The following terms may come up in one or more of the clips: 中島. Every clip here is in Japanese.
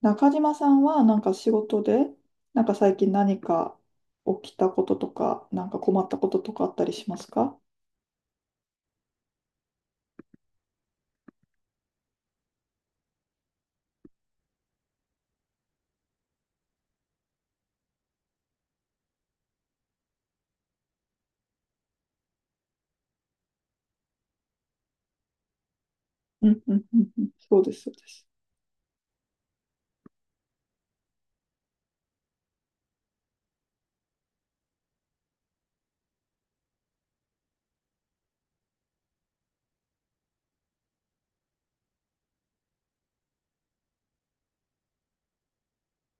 中島さんはなんか仕事で、なんか最近何か起きたこととか、なんか困ったこととかあったりしますか？うんうんうんうん、そうです、そうです。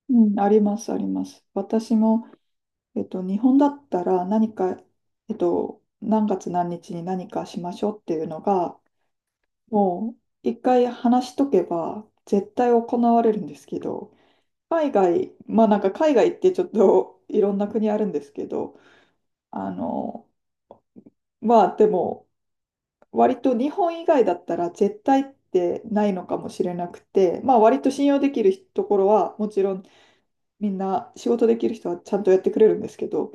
うん、あります、あります。私も日本だったら何か、何月何日に何かしましょうっていうのが、もう一回話しとけば絶対行われるんですけど、海外、まあなんか海外ってちょっと いろんな国あるんですけど、あの、まあでも割と日本以外だったら絶対ってないのかもしれなくて、まあ割と信用できるところはもちろんみんな仕事できる人はちゃんとやってくれるんですけど、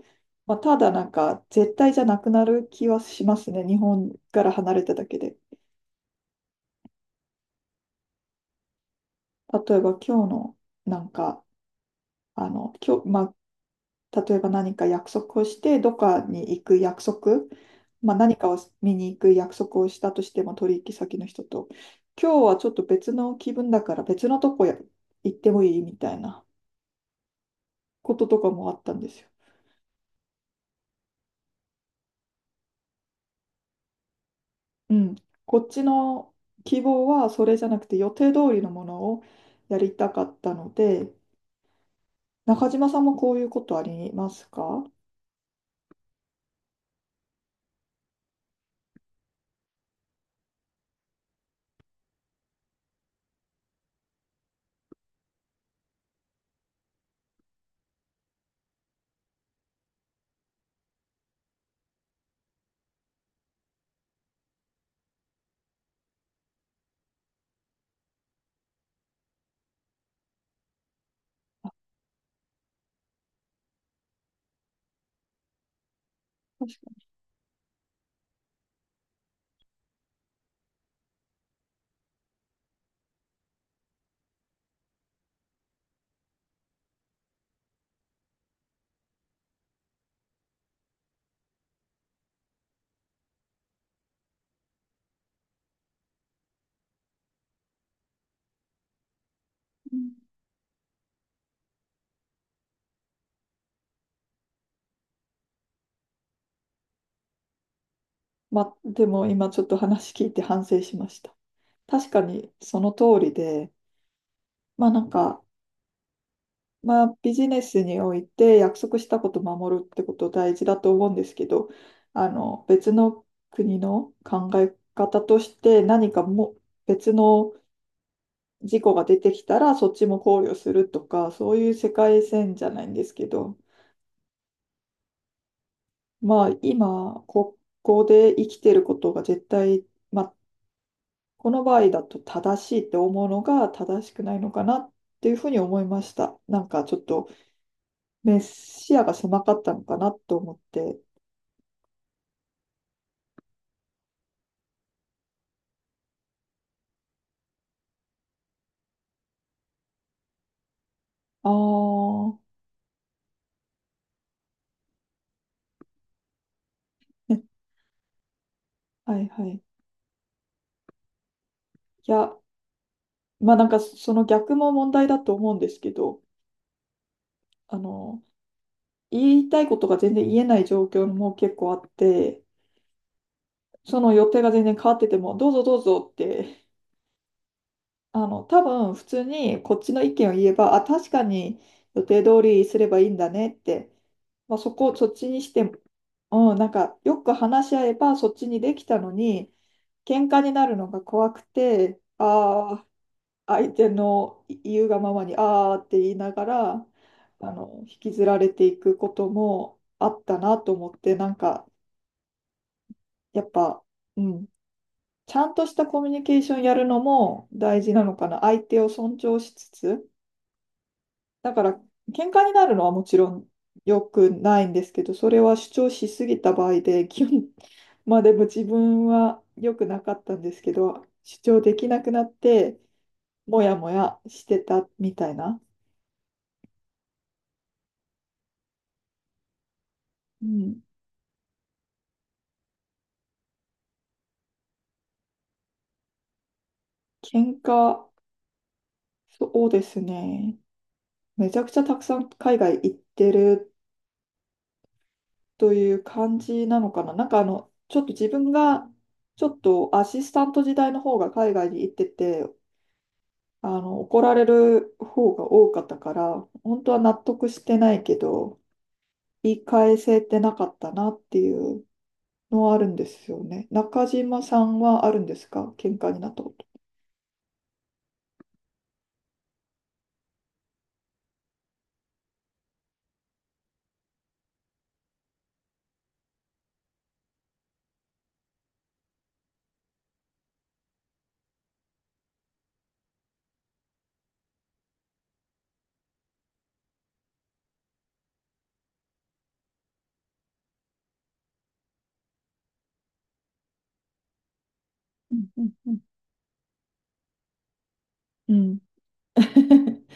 まあ、ただなんか絶対じゃなくなる気はしますね。日本から離れただけで。例えば今日のなんか、今日、まあ、例えば何か約束をして、どっかに行く約束、まあ、何かを見に行く約束をしたとしても取引先の人と、今日はちょっと別の気分だから別のとこや行ってもいいみたいなこととかもあったんですよ。うん、こっちの希望はそれじゃなくて予定通りのものをやりたかったので、中島さんもこういうことありますか？確かに。まあ、でも今ちょっと話聞いて反省しました。確かにその通りで、まあなんか、まあビジネスにおいて約束したこと守るってこと大事だと思うんですけど、あの別の国の考え方として何かも別の事故が出てきたらそっちも考慮するとか、そういう世界線じゃないんですけど、まあ今、ここで生きてることが絶対、まあこの場合だと正しいって思うのが正しくないのかなっていうふうに思いました。なんかちょっとメ視野が狭かったのかなと思って、ああ、ね、はいはい。いや、まあなんかその逆も問題だと思うんですけど、あの、言いたいことが全然言えない状況も結構あって、その予定が全然変わってても、どうぞどうぞって、多分普通にこっちの意見を言えば、あ、確かに予定通りすればいいんだねって、まあ、そこをそっちにしても、うん、なんかよく話し合えばそっちにできたのに、喧嘩になるのが怖くて、ああ、相手の言うがままに、ああって言いながら、引きずられていくこともあったなと思って、なんか、やっぱ、うん。ちゃんとしたコミュニケーションやるのも大事なのかな。相手を尊重しつつ。だから、喧嘩になるのはもちろん良くないんですけど、それは主張しすぎた場合で、基本、まあでも自分は良くなかったんですけど、主張できなくなって、もやもやしてたみたいな。うん。喧嘩、そうですね。めちゃくちゃたくさん海外行ってるという感じなのかな。なんかあの、ちょっと自分が、ちょっとアシスタント時代の方が海外に行ってて、怒られる方が多かったから、本当は納得してないけど、言い返せてなかったなっていうのはあるんですよね。中島さんはあるんですか喧嘩になったこと？うんうんうんうん。うん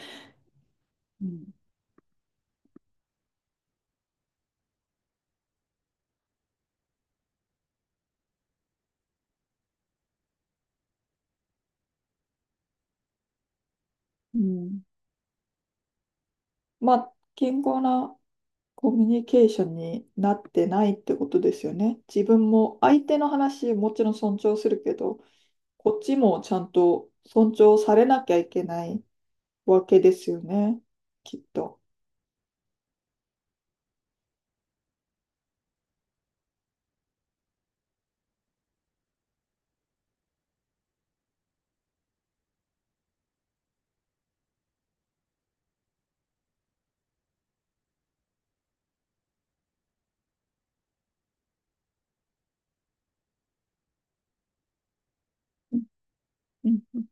うんうんまあ、健康なコミュニケーションになってないってことですよね。自分も相手の話もちろん尊重するけど、こっちもちゃんと尊重されなきゃいけないわけですよね。きっと。うんうん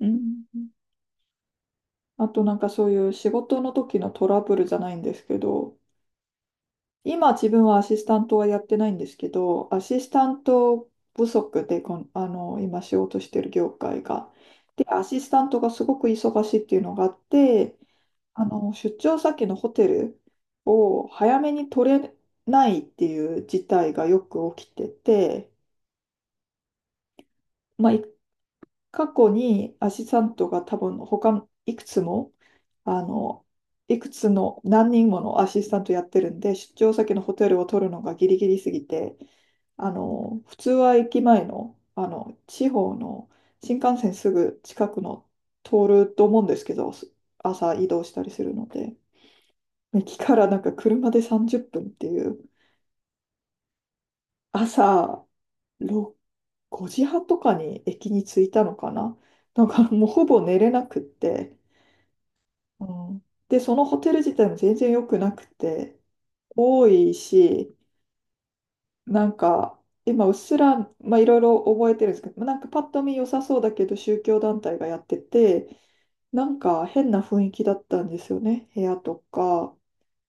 うんあとなんかそういう仕事の時のトラブルじゃないんですけど、今自分はアシスタントはやってないんですけど、アシスタント不足で今仕事してる業界が。で、アシスタントがすごく忙しいっていうのがあって、出張先のホテルを早めに取れないっていう事態がよく起きてて、まあ、過去にアシスタントが多分他いくつも、あの、いくつの何人ものアシスタントやってるんで、出張先のホテルを取るのがギリギリすぎて、普通は駅前の、地方の新幹線すぐ近くの通ると思うんですけど、朝移動したりするので。駅からなんか車で30分っぷんっていう朝6 5時半とかに駅に着いたのかな。なんかもうほぼ寝れなくって、うん、でそのホテル自体も全然良くなくて多いしなんか今うっすら、まあ、いろいろ覚えてるんですけどなんかパッと見良さそうだけど宗教団体がやっててなんか変な雰囲気だったんですよね部屋とか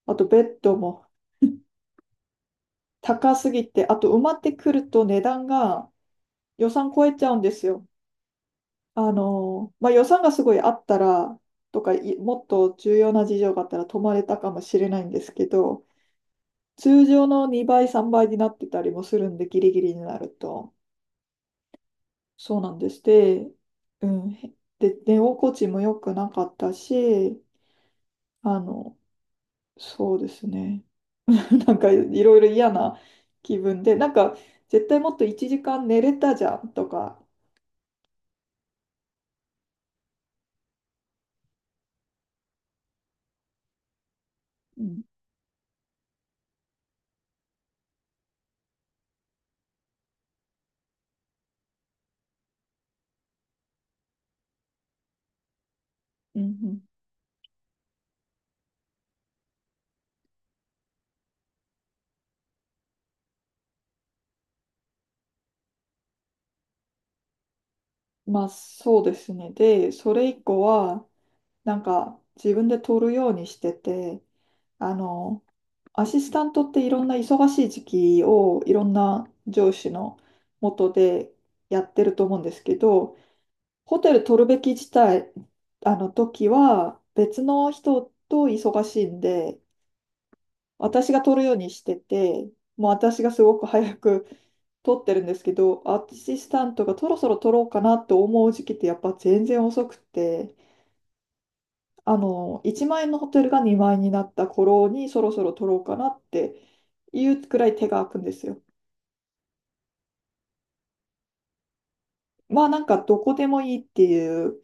あとベッドも高すぎてあと埋まってくると値段が予算超えちゃうんですよ。まあ、予算がすごいあったら、とか、もっと重要な事情があったら泊まれたかもしれないんですけど、通常の2倍、3倍になってたりもするんで、ギリギリになると。そうなんです。で、うん。で、寝心地も良くなかったし、あの、そうですね。なんか、いろいろ嫌な気分で、なんか、絶対もっと1時間寝れたじゃんとか、うん、うん、まあそうですね。で、それ以降は、なんか自分で取るようにしてて、あの、アシスタントっていろんな忙しい時期をいろんな上司の下でやってると思うんですけど、ホテル取るべき自体、あの時は別の人と忙しいんで、私が取るようにしてて、もう私がすごく早く取ってるんですけど、アシスタントがそろそろ取ろうかなと思う時期ってやっぱ全然遅くて、1万円のホテルが2万円になった頃にそろそろ取ろうかなっていうくらい手が空くんですよ。まあなんかどこでもいいっていう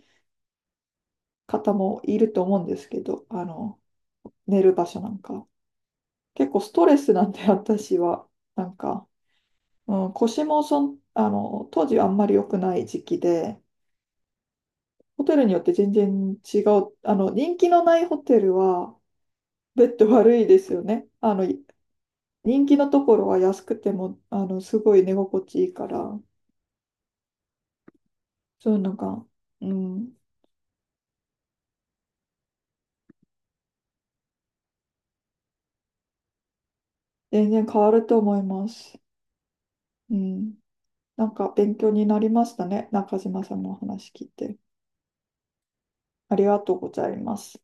方もいると思うんですけど、寝る場所なんか。結構ストレスなんで私は、なんか、うん、腰も当時はあんまり良くない時期で、ホテルによって全然違う。人気のないホテルは、ベッド悪いですよね。人気のところは安くても、すごい寝心地いいから、そういうのが、うん、全然変わると思います。うん。なんか勉強になりましたね。中島さんのお話聞いて。ありがとうございます。